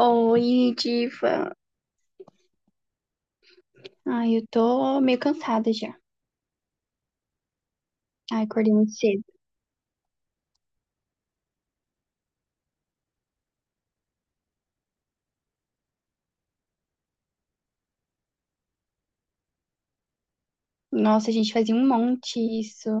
Oi, Diva. Ai, eu tô meio cansada já. Ai, acordei muito cedo. Nossa, a gente fazia um monte isso.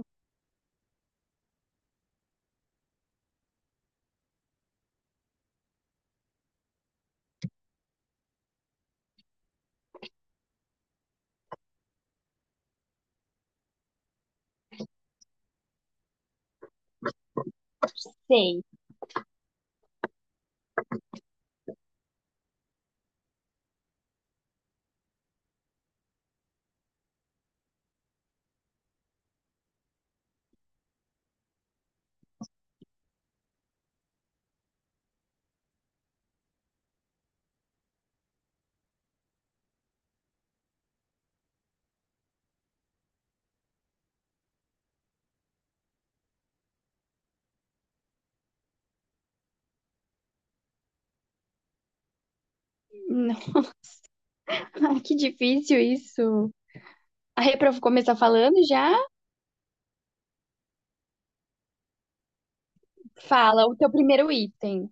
Sei. Não. Ai, que difícil isso. Aí, pra começar falando já, fala o teu primeiro item.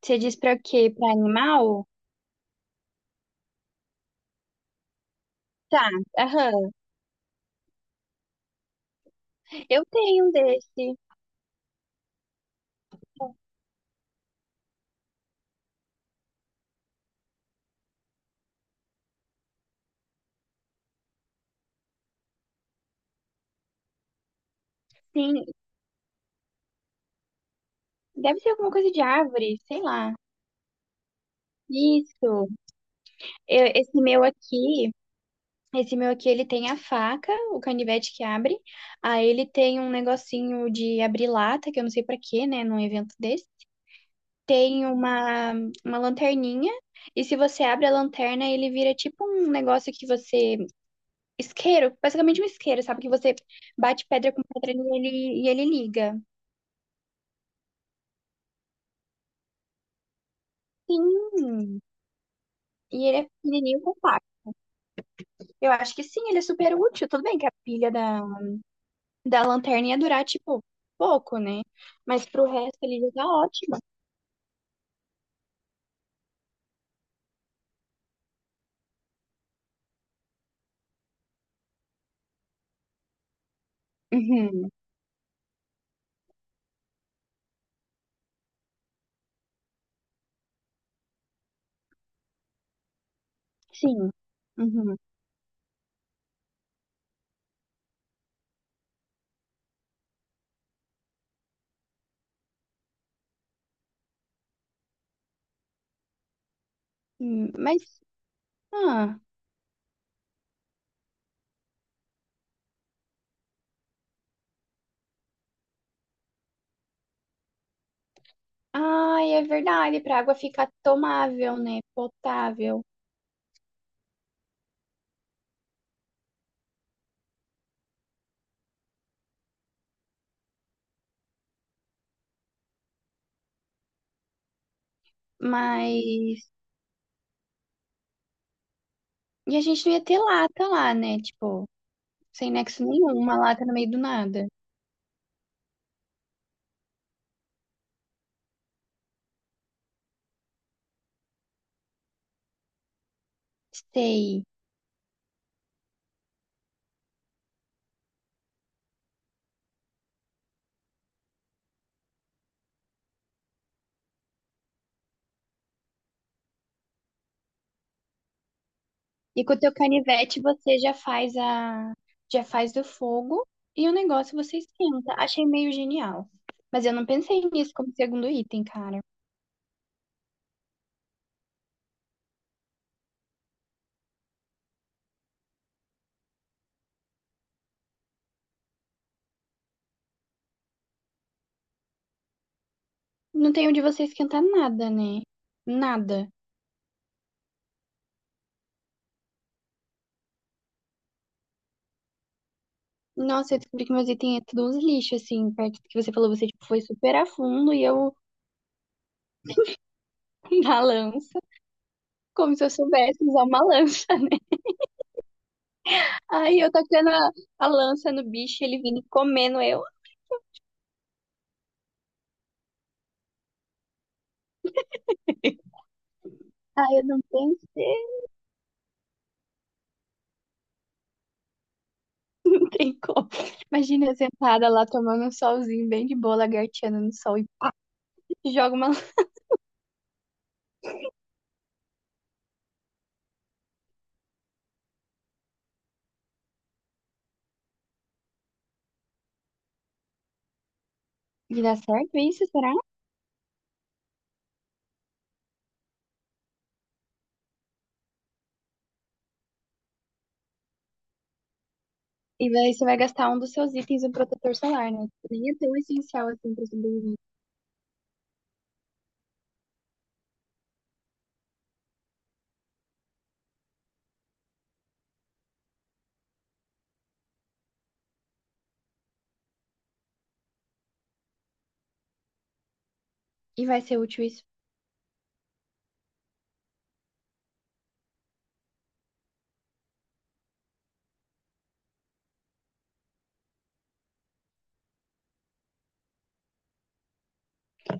Você diz pra quê? Pra animal? Tá, aham. Eu tenho um desse. Sim, deve ser alguma coisa de árvore, sei lá. Isso. Esse meu aqui. Esse meu aqui, ele tem a faca, o canivete que abre. Aí ele tem um negocinho de abrir lata, que eu não sei pra quê, né, num evento desse. Tem uma lanterninha. E se você abre a lanterna, ele vira tipo um negócio que você... Isqueiro, basicamente um isqueiro, sabe? Que você bate pedra com pedra e ele liga. Sim! E ele é pequenininho e compacto. Eu acho que sim, ele é super útil. Tudo bem que a pilha da lanterna ia durar, tipo, pouco, né? Mas pro resto ele já tá ótimo. Uhum, sim. Uhum. Mas, ah, ai, é verdade, pra água ficar tomável, né? Potável. Mas. E a gente não ia ter lata lá, né? Tipo, sem nexo nenhum, uma lata no meio do nada. Sei. E com o teu canivete você já faz a. Já faz o fogo e o negócio você esquenta. Achei meio genial. Mas eu não pensei nisso como segundo item, cara. Não tem onde você esquentar nada, né? Nada. Nossa, eu descobri que meu zíper tinha todos uns lixos, assim, perto do que você falou, você tipo, foi super a fundo e eu na lança, como se eu soubesse usar uma lança, né? Aí eu tacando a lança no bicho, ele vindo e comendo eu. Ai, eu não pensei, não tem como. Imagina eu sentada lá tomando um solzinho bem de boa, lagarteando no sol e joga uma lança. E dá certo isso, será? E daí você vai gastar um dos seus itens, um protetor solar, né? Nem é tão essencial assim pra sobreviver. E vai ser útil isso.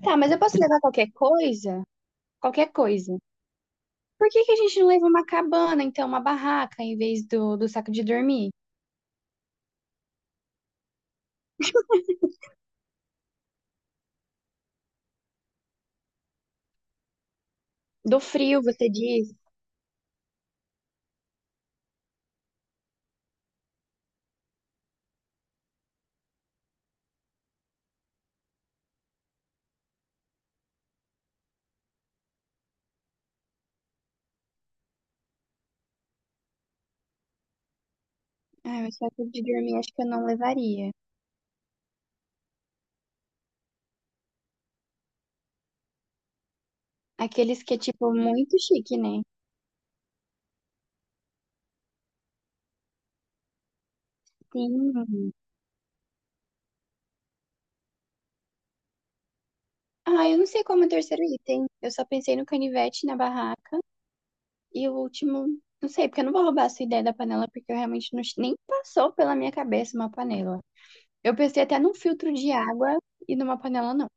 Tá, mas eu posso levar qualquer coisa? Qualquer coisa. Por que que a gente não leva uma cabana, então, uma barraca, em vez do saco de dormir? Do frio, você diz? Ah, o saco de dormir acho que eu não levaria. Aqueles que é, tipo, muito chique, né? Sim. Ah, eu não sei como é o terceiro item. Eu só pensei no canivete, na barraca. E o último, não sei, porque eu não vou roubar a sua ideia da panela, porque eu realmente não, nem passou pela minha cabeça uma panela. Eu pensei até num filtro de água e numa panela, não.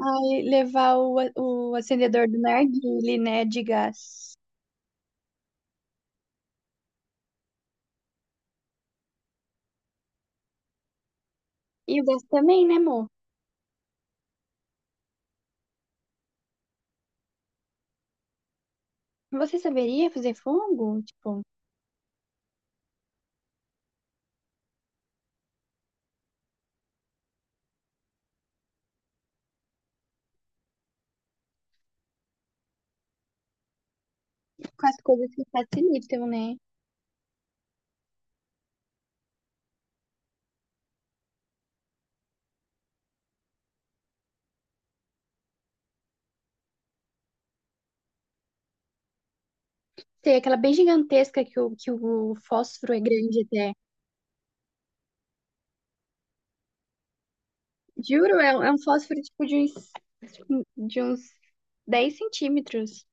Ai, levar o acendedor do narguilé, né, de gás. E o gás também, né, amor? Você saberia fazer fogo? Tipo, com as coisas que facilitam, né? Tem aquela bem gigantesca que que o fósforo é grande até. Juro, é, é um fósforo, tipo, de uns 10 centímetros.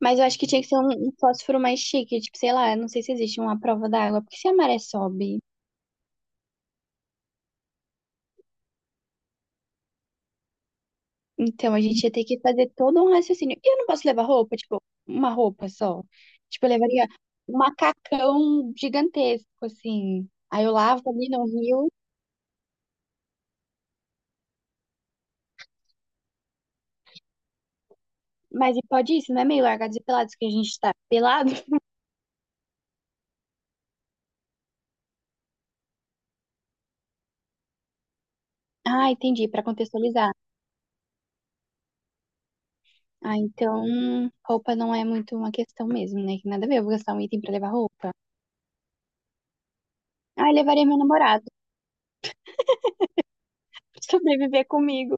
Mas eu acho que tinha que ser um fósforo mais chique. Tipo, sei lá, não sei se existe uma prova d'água. Porque se a maré sobe. Então, a gente ia ter que fazer todo um raciocínio. E eu não posso levar roupa, tipo, uma roupa só. Tipo, eu levaria um macacão gigantesco, assim. Aí eu lavo ali no rio. Mas e pode isso, não é meio largados e pelados que a gente tá pelado? Ah, entendi, pra contextualizar. Ah, então roupa não é muito uma questão mesmo, né? Que nada a ver, eu vou gastar um item pra levar roupa. Ah, eu levaria meu namorado pra sobreviver comigo.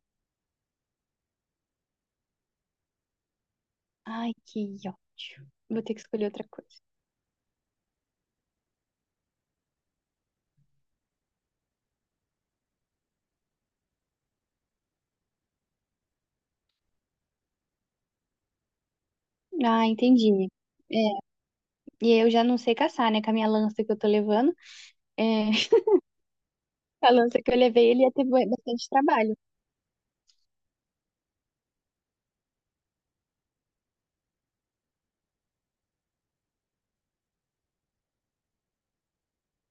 Ai, que ótimo. Vou ter que escolher outra coisa. Ah, entendi. E eu já não sei caçar, né? Com a minha lança que eu tô levando. É, a lança que eu levei, ele ia ter bastante trabalho.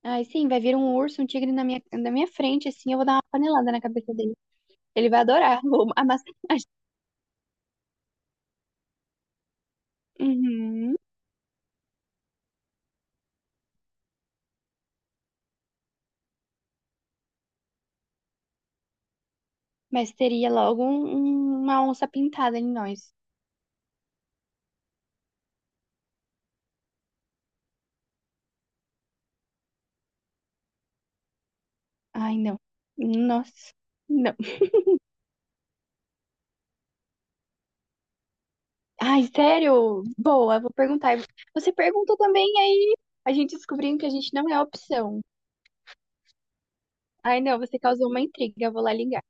Aí sim, vai vir um urso, um tigre na minha frente, assim, eu vou dar uma panelada na cabeça dele. Ele vai adorar vou a massagem. Uhum. Mas teria logo uma onça pintada em nós. Ai, não. Nossa. Não. Ai, sério? Boa, vou perguntar. Você pergunta também, aí a gente descobrindo que a gente não é opção. Ai, não, você causou uma intriga. Eu vou lá ligar.